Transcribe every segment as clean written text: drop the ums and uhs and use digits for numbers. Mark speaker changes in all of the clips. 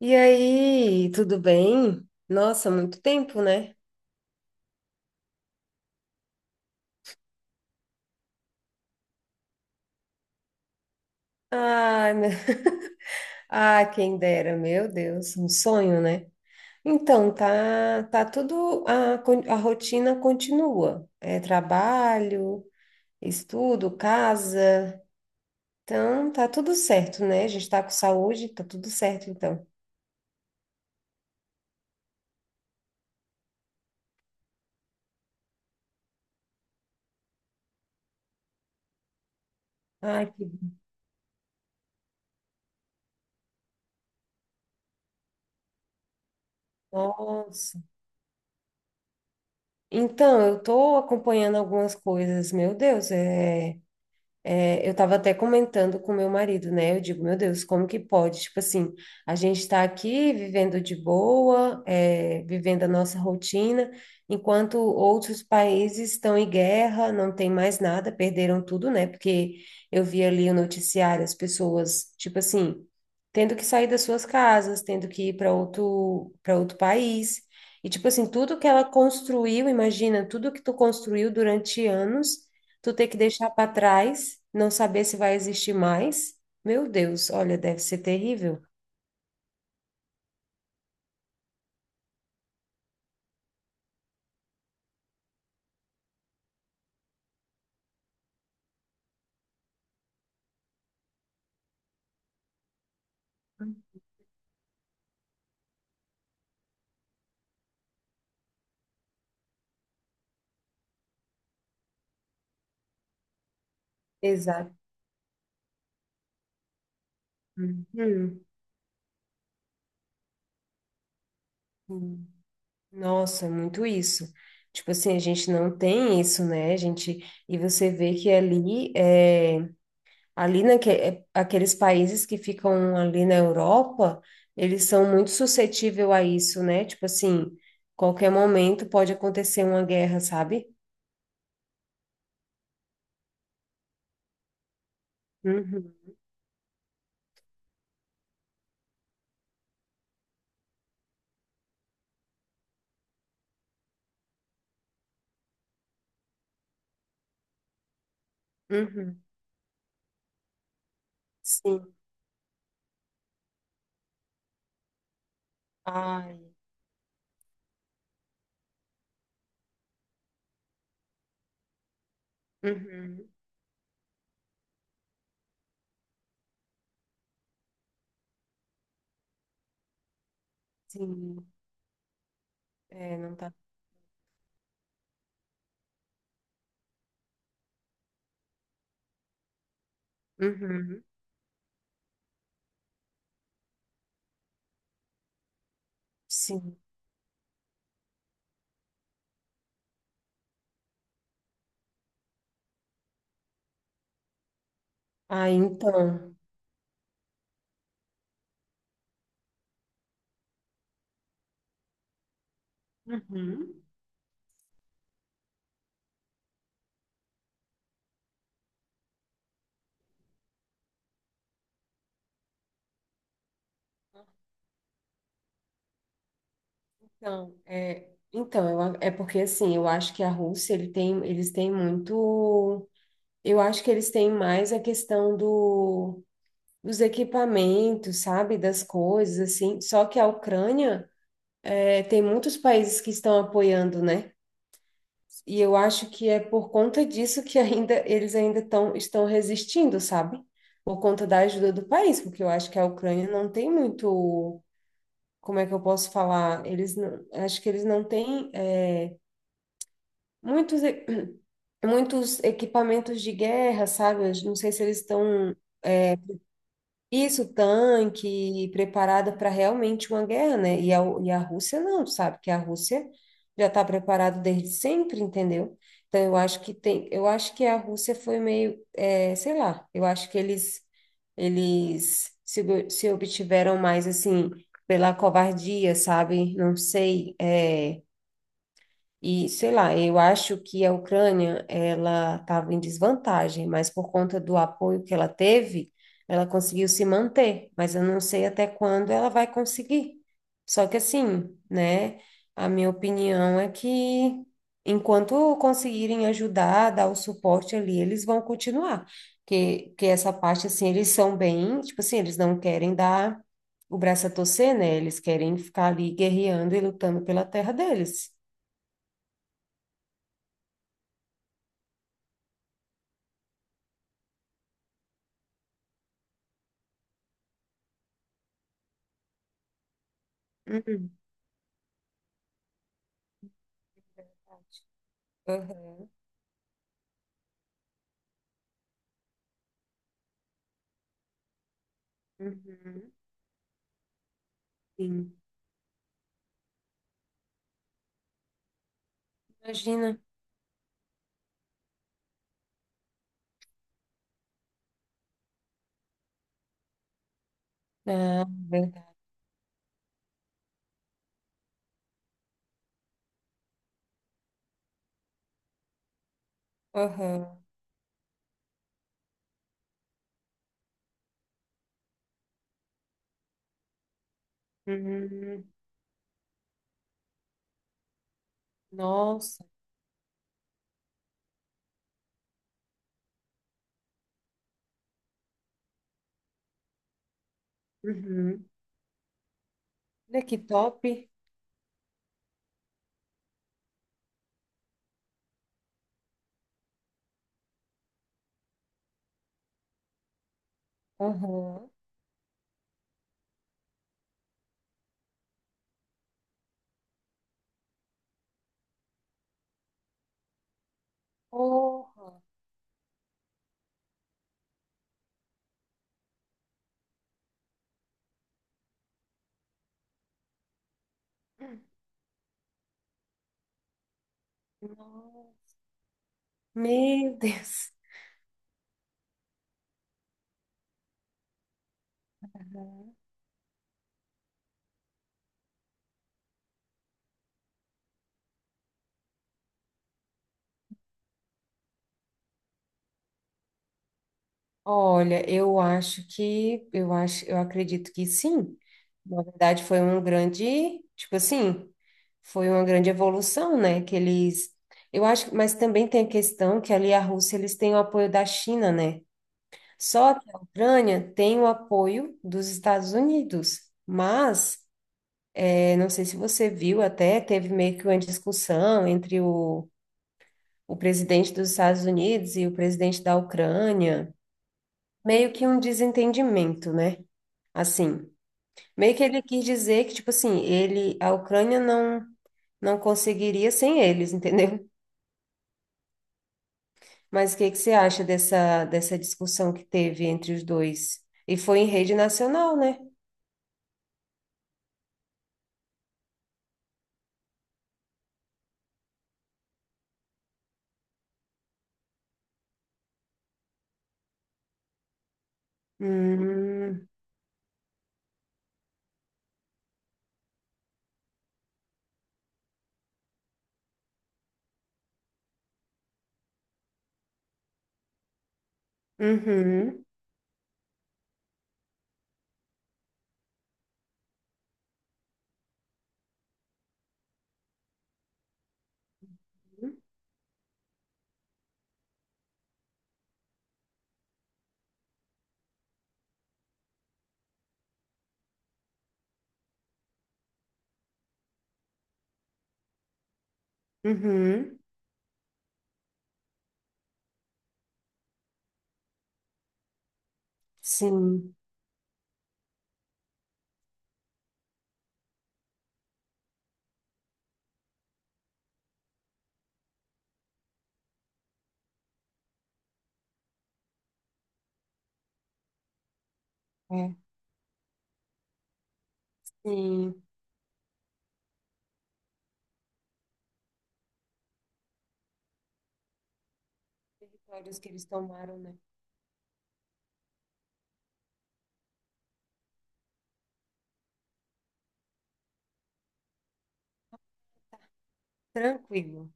Speaker 1: E aí, tudo bem? Nossa, muito tempo, né? Ai, Ah, quem dera, meu Deus, um sonho, né? Então, tá tudo, a rotina continua. É trabalho, estudo, casa. Então, tá tudo certo, né? A gente tá com saúde, tá tudo certo, então. Ai, Nossa. Então, eu tô acompanhando algumas coisas, meu Deus. É, eu estava até comentando com meu marido, né? Eu digo, meu Deus, como que pode? Tipo assim, a gente está aqui vivendo de boa, vivendo a nossa rotina, enquanto outros países estão em guerra, não tem mais nada, perderam tudo, né? Porque eu vi ali o noticiário, as pessoas, tipo assim, tendo que sair das suas casas, tendo que ir para outro país. E, tipo assim, tudo que ela construiu, imagina, tudo que tu construiu durante anos tu ter que deixar para trás, não saber se vai existir mais. Meu Deus, olha, deve ser terrível. Exato. Uhum. Uhum. Nossa, é muito isso. Tipo assim, a gente não tem isso, né? A gente, e você vê que ali, aqueles países que ficam ali na Europa, eles são muito suscetíveis a isso, né? Tipo assim, qualquer momento pode acontecer uma guerra, sabe? Uhum, uhum, sim. Ai, uhum. Sim, é, não tá. Uhum, sim. Ah, então. Uhum. Então, é, então eu, a- é porque assim, eu acho que a Rússia, eles têm muito. Eu acho que eles têm mais a questão dos equipamentos, sabe? Das coisas, assim. Só que a Ucrânia, tem muitos países que estão apoiando, né? E eu acho que é por conta disso que ainda eles ainda estão resistindo, sabe? Por conta da ajuda do país, porque eu acho que a Ucrânia não tem muito, como é que eu posso falar? Eles não, acho que eles não têm muitos e- muitos equipamentos de guerra, sabe? Eu não sei se eles estão. Isso, tanque, preparada para realmente uma guerra, né? E a Rússia não, tu sabe? Que a Rússia já está preparada desde sempre, entendeu? Então, eu acho que a Rússia foi meio, sei lá, eu acho que eles se obtiveram mais assim pela covardia, sabe? Não sei, sei lá, eu acho que a Ucrânia, ela estava em desvantagem, mas por conta do apoio que ela teve, ela conseguiu se manter, mas eu não sei até quando ela vai conseguir. Só que assim, né, a minha opinião é que enquanto conseguirem ajudar, dar o suporte ali, eles vão continuar. Que essa parte, assim, eles são bem, tipo assim, eles não querem dar o braço a torcer, né? Eles querem ficar ali guerreando e lutando pela terra deles. Uhum. Verdade. Aham. Uhum, sim. Imagina. Ah, verdade. Aham. Uhum, Nossa. Uhum. Olha que top. Aham. Porra. Nossa. Meu Deus. Olha, eu acho que eu acho, eu acredito que sim. Na verdade, tipo assim, foi uma grande evolução, né? Que eles, eu acho, mas também tem a questão que ali a Rússia eles têm o apoio da China, né? Só que a Ucrânia tem o apoio dos Estados Unidos. Mas, não sei se você viu, até teve meio que uma discussão entre o presidente dos Estados Unidos e o presidente da Ucrânia, meio que um desentendimento, né? Assim, meio que ele quis dizer que, tipo assim, a Ucrânia não conseguiria sem eles, entendeu? Mas o que que você acha dessa discussão que teve entre os dois? E foi em rede nacional, né? Hum, uhum, uhum, sim, é, sim. Territórios que eles tomaram, né? Tranquilo.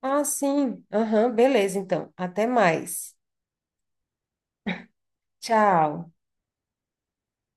Speaker 1: Ah, sim. Aham, beleza, então. Até mais. Tchau.